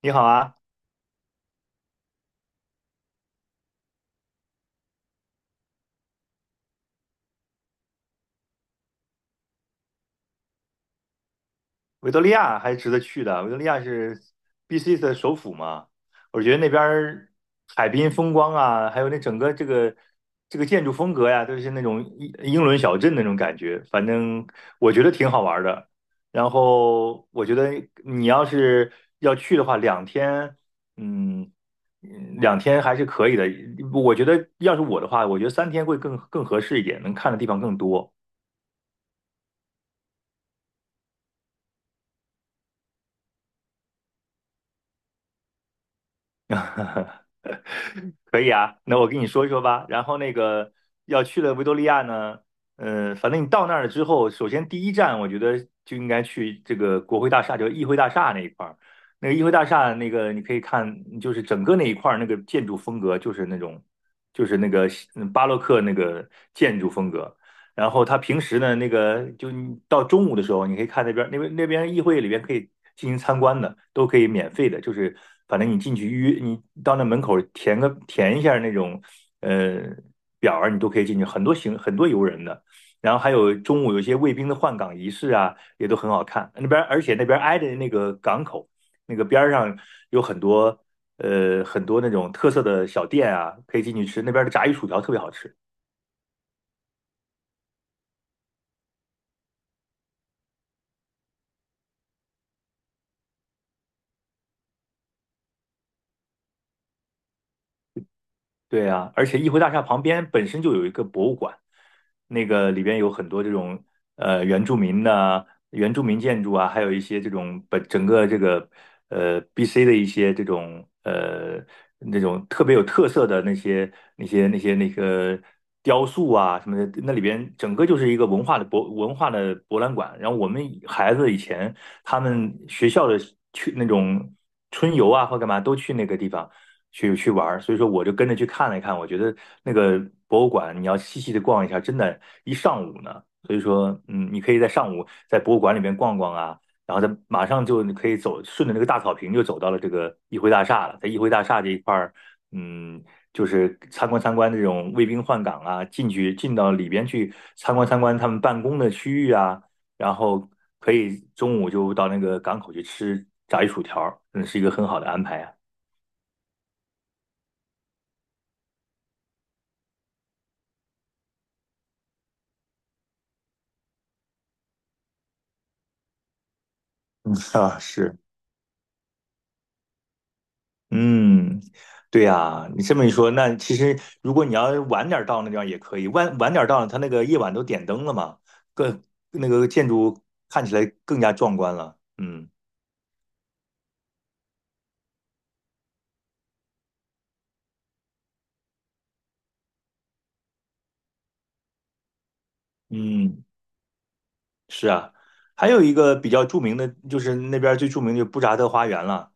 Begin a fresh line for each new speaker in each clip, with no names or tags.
你好啊，维多利亚还是值得去的。维多利亚是 BC 的首府嘛，我觉得那边儿海滨风光啊，还有那整个这个建筑风格呀，都是那种英伦小镇那种感觉。反正我觉得挺好玩儿的。然后我觉得你要是要去的话，两天，嗯，两天还是可以的。我觉得要是我的话，我觉得三天会更合适一点，能看的地方更多。可以啊，那我跟你说一说吧。然后那个要去了维多利亚呢，反正你到那儿了之后，首先第一站我觉得就应该去这个国会大厦，就是议会大厦那一块儿。那个议会大厦那个你可以看，就是整个那一块儿那个建筑风格就是那种，就是那个巴洛克那个建筑风格。然后他平时呢，那个就你到中午的时候，你可以看那边议会里边可以进行参观的，都可以免费的，就是反正你进去预约，你到那门口填一下那种呃表儿，你都可以进去，很多游人的。然后还有中午有些卫兵的换岗仪式啊，也都很好看。那边而且那边挨着那个港口，那个边儿上有很多那种特色的小店啊，可以进去吃。那边的炸鱼薯条特别好吃。对啊，而且议会大厦旁边本身就有一个博物馆，那个里边有很多这种原住民建筑啊，还有一些这种整个这个BC 的一些这种那种特别有特色的那个雕塑啊什么的，那里边整个就是一个文化的博览馆。然后我们孩子以前他们学校的去那种春游啊或干嘛都去那个地方。去玩儿，所以说我就跟着去看了一看，我觉得那个博物馆你要细细的逛一下，真的，一上午呢。所以说，你可以在上午在博物馆里面逛逛啊，然后再马上就你可以走，顺着那个大草坪就走到了这个议会大厦了。在议会大厦这一块儿，嗯，就是参观参观这种卫兵换岗啊，进到里边去参观参观他们办公的区域啊，然后可以中午就到那个港口去吃炸鱼薯条儿，是一个很好的安排啊。嗯啊，是。嗯，对呀，你这么一说，那其实如果你要晚点儿到那地方也可以，晚点儿到，它那个夜晚都点灯了嘛，更那个建筑看起来更加壮观了。嗯嗯。是啊，还有一个比较著名的，就是那边儿最著名的就是布扎特花园了。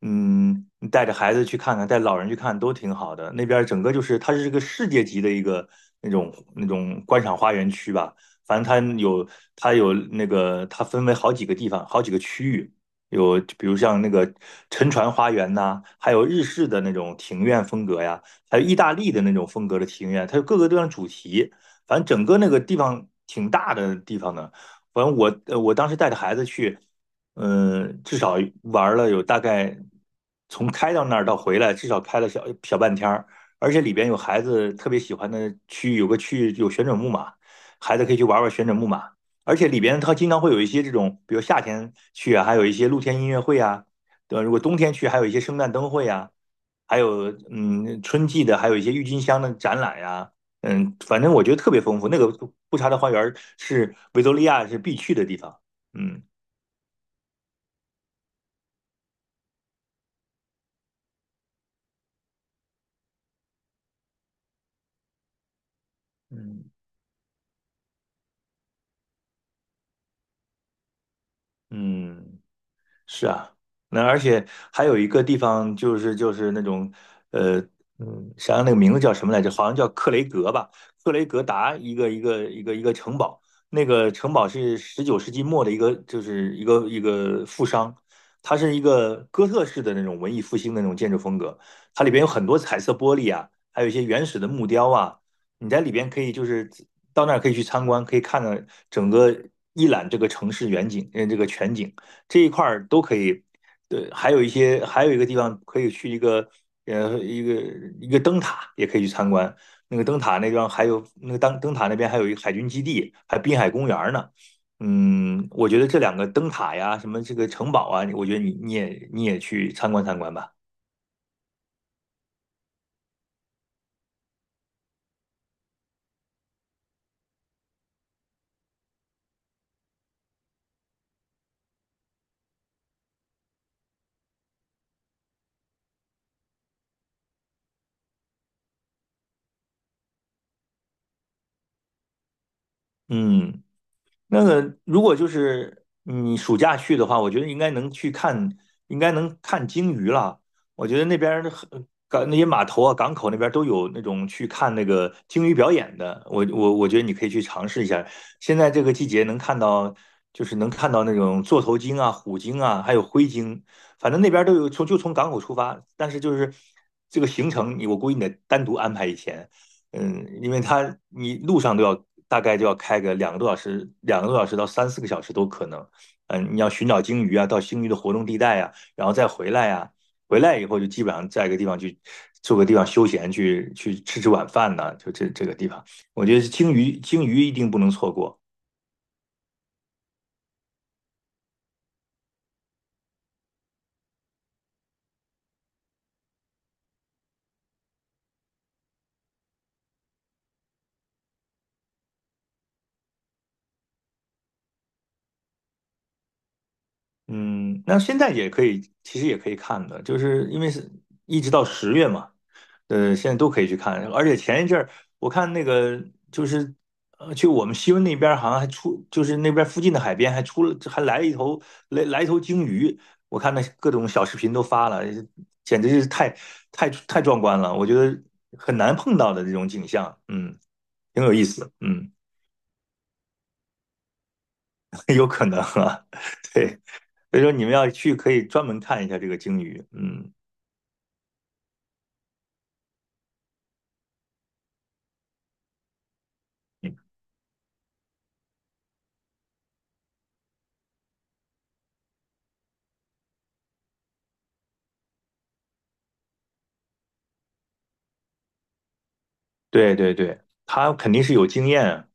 嗯，你带着孩子去看看，带老人去看都挺好的。那边儿整个就是它是一个世界级的一个那种观赏花园区吧。反正它有那个它分为好几个地方，好几个区域。有比如像那个沉船花园呐、还有日式的那种庭院风格呀，还有意大利的那种风格的庭院，它有各个地方主题。反正整个那个地方挺大的地方呢。反正我当时带着孩子去，至少玩了有大概从开到那儿到回来，至少开了小小半天儿，而且里边有孩子特别喜欢的区域，有个区域有旋转木马，孩子可以去玩玩旋转木马，而且里边它经常会有一些这种，比如夏天去啊，还有一些露天音乐会啊，对吧？如果冬天去，还有一些圣诞灯会啊，还有春季的，还有一些郁金香的展览呀、反正我觉得特别丰富。那个布查的花园是维多利亚是必去的地方。嗯嗯，嗯。是啊，那而且还有一个地方就是那种，呃，想想那个名字叫什么来着？好像叫克雷格吧，克雷格达一个城堡，那个城堡是十九世纪末的一个，就是一个富商，它是一个哥特式的那种文艺复兴的那种建筑风格，它里边有很多彩色玻璃啊，还有一些原始的木雕啊，你在里边可以就是到那儿可以去参观，可以看到整个一览这个城市远景，这个全景。这一块儿都可以。对，还有一些，还有一个地方可以去一个，呃，一个一个灯塔也可以去参观。那个灯塔那地方还有那个灯塔那边还有一个海军基地，还滨海公园呢。我觉得这两个灯塔呀，什么这个城堡啊，我觉得你也去参观参观吧。嗯。那个如果就是你暑假去的话，我觉得应该能去看，应该能看鲸鱼了。我觉得那边儿的港那些码头啊、港口那边儿都有那种去看那个鲸鱼表演的。我觉得你可以去尝试一下。现在这个季节能看到，就是能看到那种座头鲸啊、虎鲸啊，还有灰鲸，反正那边儿都有。从港口出发，但是就是这个行程你，我估计你得单独安排一天。因为它你路上都要大概就要开个两个多小时到三四个小时都可能。你要寻找鲸鱼啊，到鲸鱼的活动地带啊，然后再回来啊，回来以后就基本上在一个地方去住个地方休闲，去吃吃晚饭呐、就这个地方，我觉得鲸鱼一定不能错过。嗯，那现在也可以，其实也可以看的，就是因为是一直到十月嘛，现在都可以去看。而且前一阵儿我看那个就是去我们西温那边儿好像还出，就是那边附近的海边还出了，还来了一头鲸鱼。我看那各种小视频都发了，简直是太壮观了，我觉得很难碰到的这种景象，挺有意思，嗯。有可能啊，对，所以说你们要去可以专门看一下这个鲸鱼，嗯，嗯对对对，他肯定是有经验啊，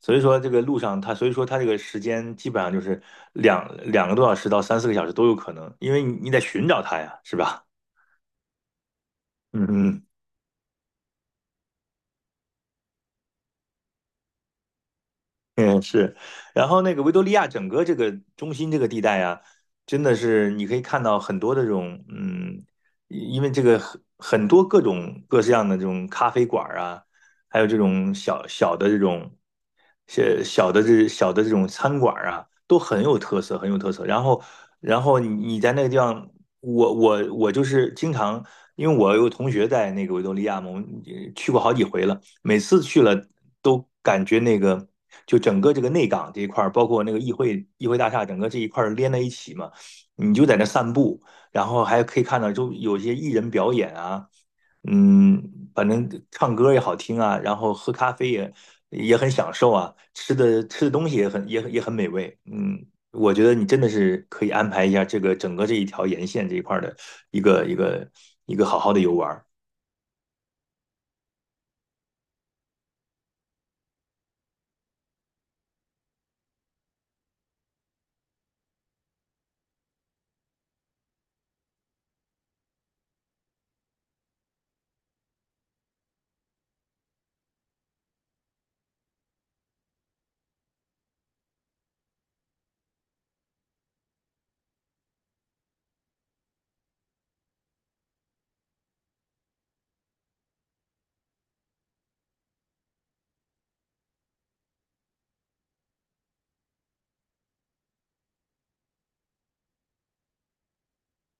所以说这个路上他，所以说他这个时间基本上就是两个多小时到三四个小时都有可能，因为你得寻找他呀，是吧？嗯嗯。嗯，是，然后那个维多利亚整个这个中心这个地带啊，真的是你可以看到很多的这种，因为这个很多各种各式样的这种咖啡馆儿啊，还有这种小的这种餐馆儿啊，都很有特色，很有特色。然后，你在那个地方，我就是经常，因为我有同学在那个维多利亚嘛，我们去过好几回了。每次去了都感觉那个，就整个这个内港这一块儿，包括那个议会大厦，整个这一块儿连在一起嘛，你就在那散步，然后还可以看到就有些艺人表演啊，嗯，反正唱歌也好听啊，然后喝咖啡也很享受啊，吃的东西也很美味，嗯。我觉得你真的是可以安排一下这个整个这一条沿线这一块儿的一个一个一个好好的游玩。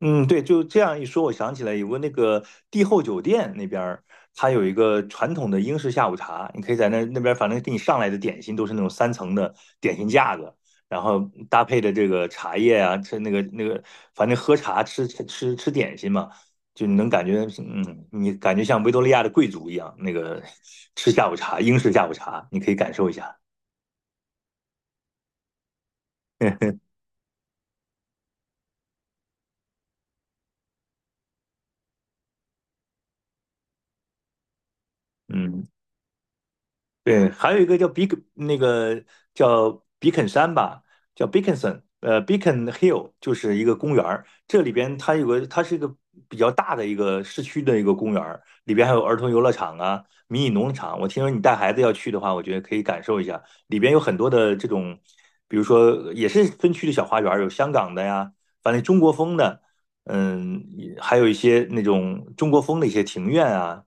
嗯，对，就这样一说，我想起来有个那个帝后酒店那边儿，它有一个传统的英式下午茶，你可以在那边，反正给你上来的点心都是那种三层的点心架子，然后搭配的这个茶叶啊，吃那个，反正喝茶吃吃点心嘛，就你能感觉，你感觉像维多利亚的贵族一样，那个 吃下午茶，英式下午茶，你可以感受一下，嗯。对，还有一个叫比肯，那个叫比肯山吧，叫 Beaconson，Beacon Hill 就是一个公园儿。这里边它有个，它是一个比较大的一个市区的一个公园儿，里边还有儿童游乐场啊、迷你农场。我听说你带孩子要去的话，我觉得可以感受一下。里边有很多的这种，比如说也是分区的小花园儿，有香港的呀，反正中国风的，嗯，还有一些那种中国风的一些庭院啊。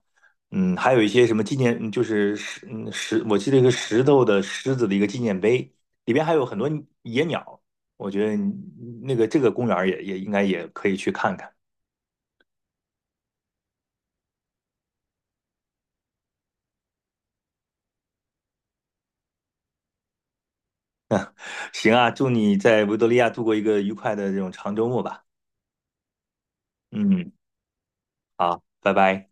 还有一些什么纪念，嗯就是石，嗯石，我记得一个石头的狮子的一个纪念碑，里边还有很多野鸟。我觉得你那个这个公园儿也应该也可以去看看。行啊，祝你在维多利亚度过一个愉快的这种长周末吧。嗯，好，拜拜。